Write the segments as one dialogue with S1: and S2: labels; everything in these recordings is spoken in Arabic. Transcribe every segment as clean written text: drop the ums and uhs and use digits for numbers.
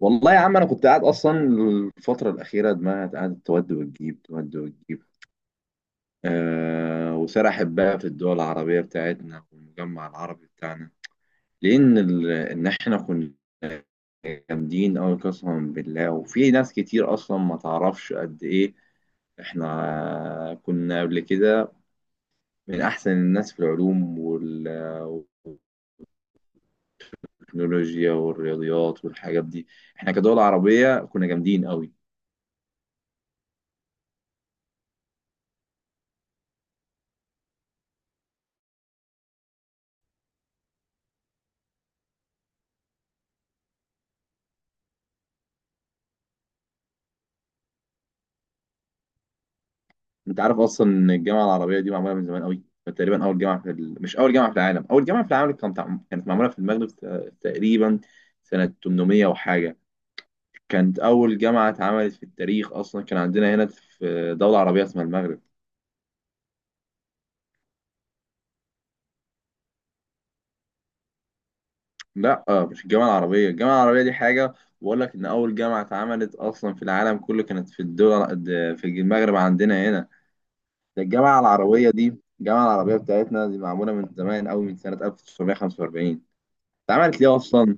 S1: والله يا عم انا كنت قاعد اصلا. الفتره الاخيره دماغي قاعده تود وتجيب تود وتجيب. وسرحت بقى في الدول العربيه بتاعتنا والمجمع العربي بتاعنا، لان ان احنا كنا جامدين قوي، قسما بالله. وفي ناس كتير اصلا ما تعرفش قد ايه احنا كنا قبل كده من احسن الناس في العلوم والتكنولوجيا والرياضيات والحاجات دي. احنا كدول عربيه كنا جامدين قوي. انت عارف اصلا ان الجامعه العربيه دي معموله من زمان قوي؟ تقريبا اول جامعه في مش اول جامعه في العالم. اول جامعه في العالم كانت معموله في المغرب، تقريبا سنه 800 وحاجه. كانت اول جامعه اتعملت في التاريخ اصلا، كان عندنا هنا في دوله عربيه اسمها المغرب. لا آه، مش الجامعه العربيه، الجامعه العربيه دي حاجه. بقول لك ان اول جامعه اتعملت اصلا في العالم كله كانت في الدول، في المغرب عندنا هنا. ده الجامعه العربيه دي، الجامعه العربيه بتاعتنا دي معموله من زمان قوي، من سنه 1945. اتعملت ليه اصلا؟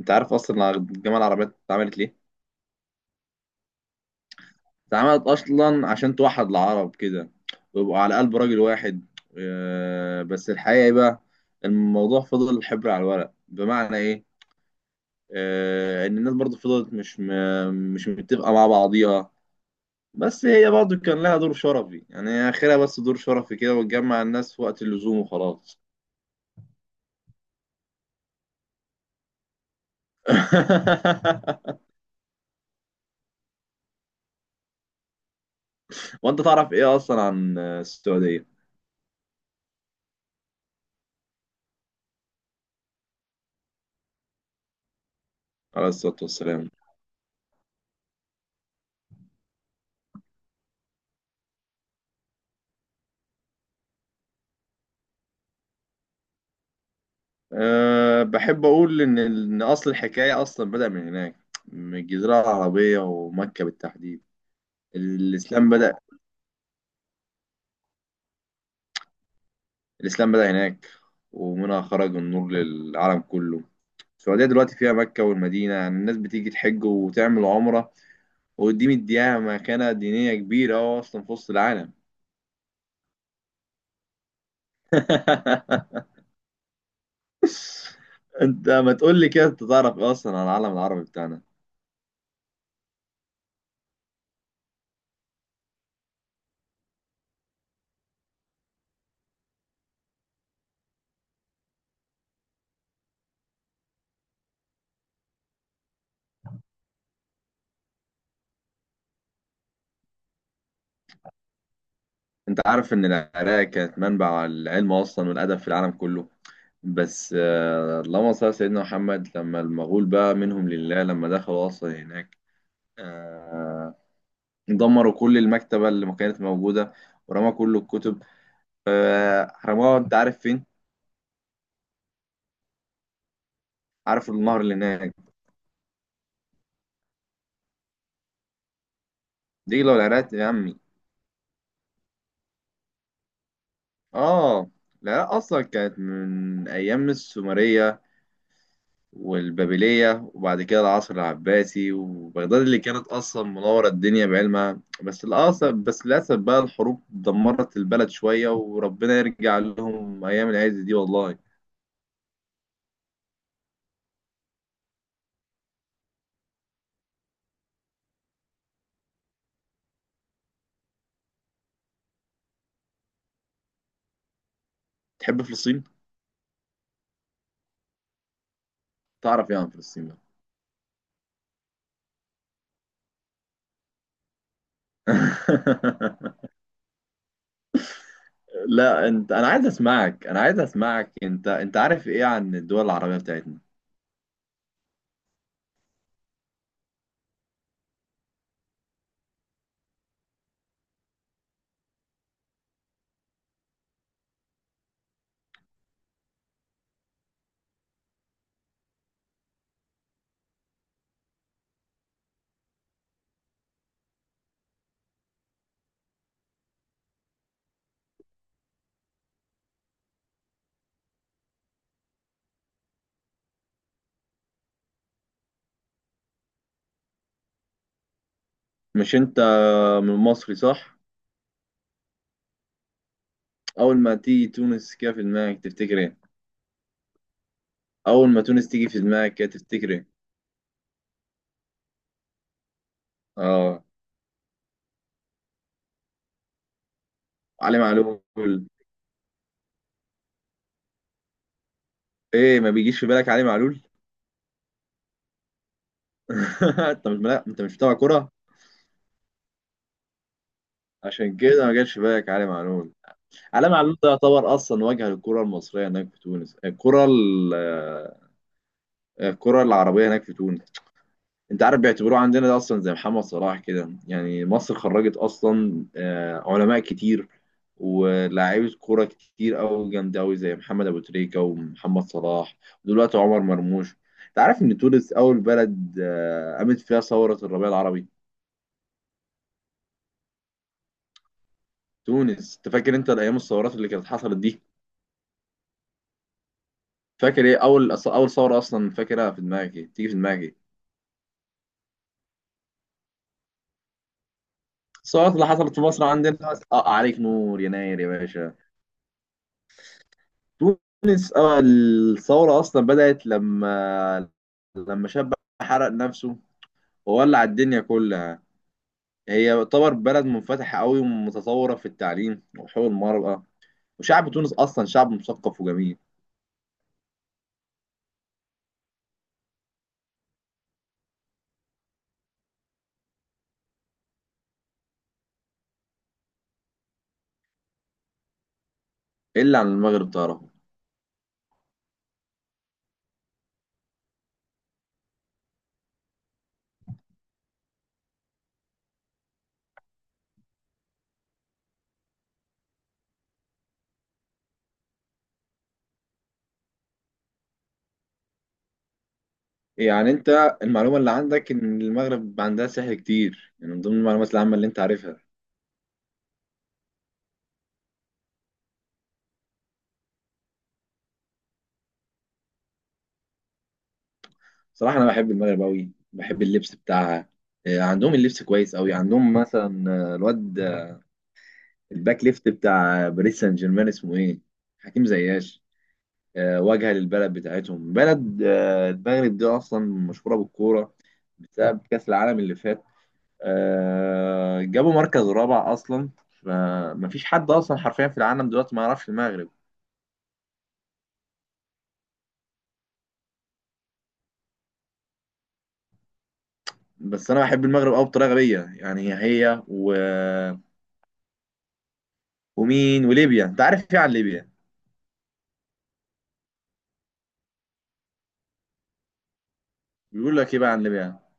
S1: انت عارف اصلا الجامعه العربيه اتعملت ليه؟ اتعملت اصلا عشان توحد العرب كده ويبقوا على قلب راجل واحد. آه، بس الحقيقه ايه بقى؟ الموضوع فضل حبر على الورق. بمعنى ايه؟ ان الناس برضو فضلت مش مش متفقه مع بعضيها. بس هي برضو كان لها دور شرفي، يعني هي اخرها بس دور شرفي كده، وتجمع الناس في وقت اللزوم وخلاص. وانت تعرف ايه اصلا عن السعوديه؟ عليه الصلاه والسلام. أه، بحب أقول إن أصل الحكاية أصلا بدأ من هناك، من الجزيرة العربية ومكة بالتحديد. الإسلام بدأ. الإسلام بدأ هناك ومنها خرج النور للعالم كله. السعودية دلوقتي فيها مكة والمدينة، يعني الناس بتيجي تحج وتعمل عمرة. وقديم مديها مكانة دينية كبيرة أهو أصلا في وسط العالم. أنت ما تقول لي كده، أنت تعرف إيه أصلا عن العالم العربي بتاعنا؟ أنت عارف إن العراق كانت منبع العلم أصلا والأدب في العالم كله. بس آه، اللهم صل على سيدنا محمد، لما المغول بقى منهم لله، لما دخلوا أصلا هناك، آه، دمروا كل المكتبة اللي ما كانت موجودة ورموا كل الكتب. آه، رموها. أنت عارف فين؟ عارف النهر اللي هناك، دجلة والعراق يا عمي. آه. العراق أصلا كانت من أيام السومرية والبابلية وبعد كده العصر العباسي وبغداد اللي كانت أصلا منورة الدنيا بعلمها. بس للأسف، بس للأسف بقى، الحروب دمرت البلد شوية، وربنا يرجع لهم أيام العز دي والله. تحب فلسطين؟ تعرف إيه عن فلسطين بقى؟ لا أنت، أنا عايز أسمعك. أنت عارف إيه عن الدول العربية بتاعتنا؟ مش أنت من مصري صح؟ أول ما تيجي تونس كده في دماغك تفتكر إيه؟ أول ما تونس تيجي في دماغك كده تفتكر إيه؟ آه. علي معلول. ايه، ما بيجيش في بالك علي معلول؟ انت مش، لا انت مش بتابع كرة. عشان كده ما جاش في بالك علي معلول. علي معلول ده يعتبر اصلا واجهة للكرة المصرية هناك في تونس، الكرة ال- آه، الكرة العربية هناك في تونس. انت عارف بيعتبروه عندنا ده اصلا زي محمد صلاح كده، يعني مصر خرجت اصلا علماء كتير ولاعيبة كرة كتير أوي جامدة أوي زي محمد أبو تريكة ومحمد صلاح ودلوقتي عمر مرموش. انت عارف ان تونس اول بلد قامت فيها ثورة الربيع العربي؟ تونس. انت فاكر انت الايام الثورات اللي كانت حصلت دي، فاكر ايه اول ثوره اصلا فاكرها في دماغك؟ ايه تيجي في دماغك ايه؟ الثورات اللي حصلت في مصر عندنا. اه، عليك نور يناير يا باشا. تونس، اه، الثوره اصلا بدات لما شاب حرق نفسه وولع الدنيا كلها. هي يعتبر بلد منفتحه قوي ومتطوره في التعليم وحقوق المرأة، وشعب تونس اصلا شعب مثقف وجميل. الا عن المغرب تعرفه؟ يعني انت المعلومه اللي عندك ان المغرب عندها سحر كتير، يعني من ضمن المعلومات العامه اللي انت عارفها. صراحه انا بحب المغرب قوي، بحب اللبس بتاعها. آه، عندهم اللبس كويس قوي. عندهم مثلا، آه، الواد آه، الباك ليفت بتاع باريس سان جيرمان، اسمه ايه، حكيم زياش. واجهه للبلد بتاعتهم. بلد المغرب دي اصلا مشهوره بالكوره بسبب كاس العالم اللي فات. جابوا مركز رابع اصلا. فمفيش حد اصلا حرفيا في العالم دلوقتي ما يعرفش المغرب. بس انا بحب المغرب قوي بطريقه غبيه، يعني. هي و... ومين وليبيا. انت عارف ايه عن ليبيا؟ بيقول لك ايه بقى عن ليبيا؟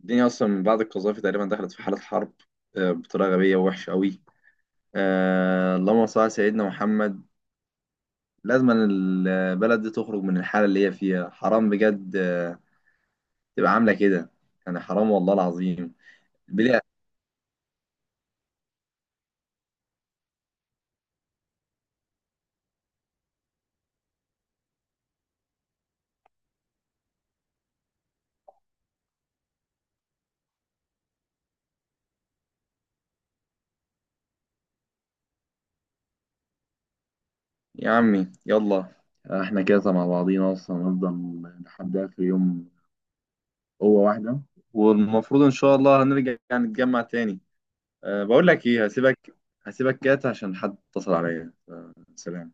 S1: الدنيا اصلا من بعد القذافي تقريبا دخلت في حاله حرب، بطريقه غبيه ووحشه قوي. آه، اللهم صل على سيدنا محمد. لازم البلد دي تخرج من الحاله اللي هي فيها، حرام بجد. تبقى عامله كده، يعني حرام والله العظيم. بلا يا عمي، يلا. احنا كده مع بعضينا اصلا هنفضل لحد اخر يوم. هو واحدة، والمفروض إن شاء الله هنرجع يعني نتجمع تاني. أه، بقول لك إيه، هسيبك. هسيبك كات عشان حد اتصل عليا. أه، سلام.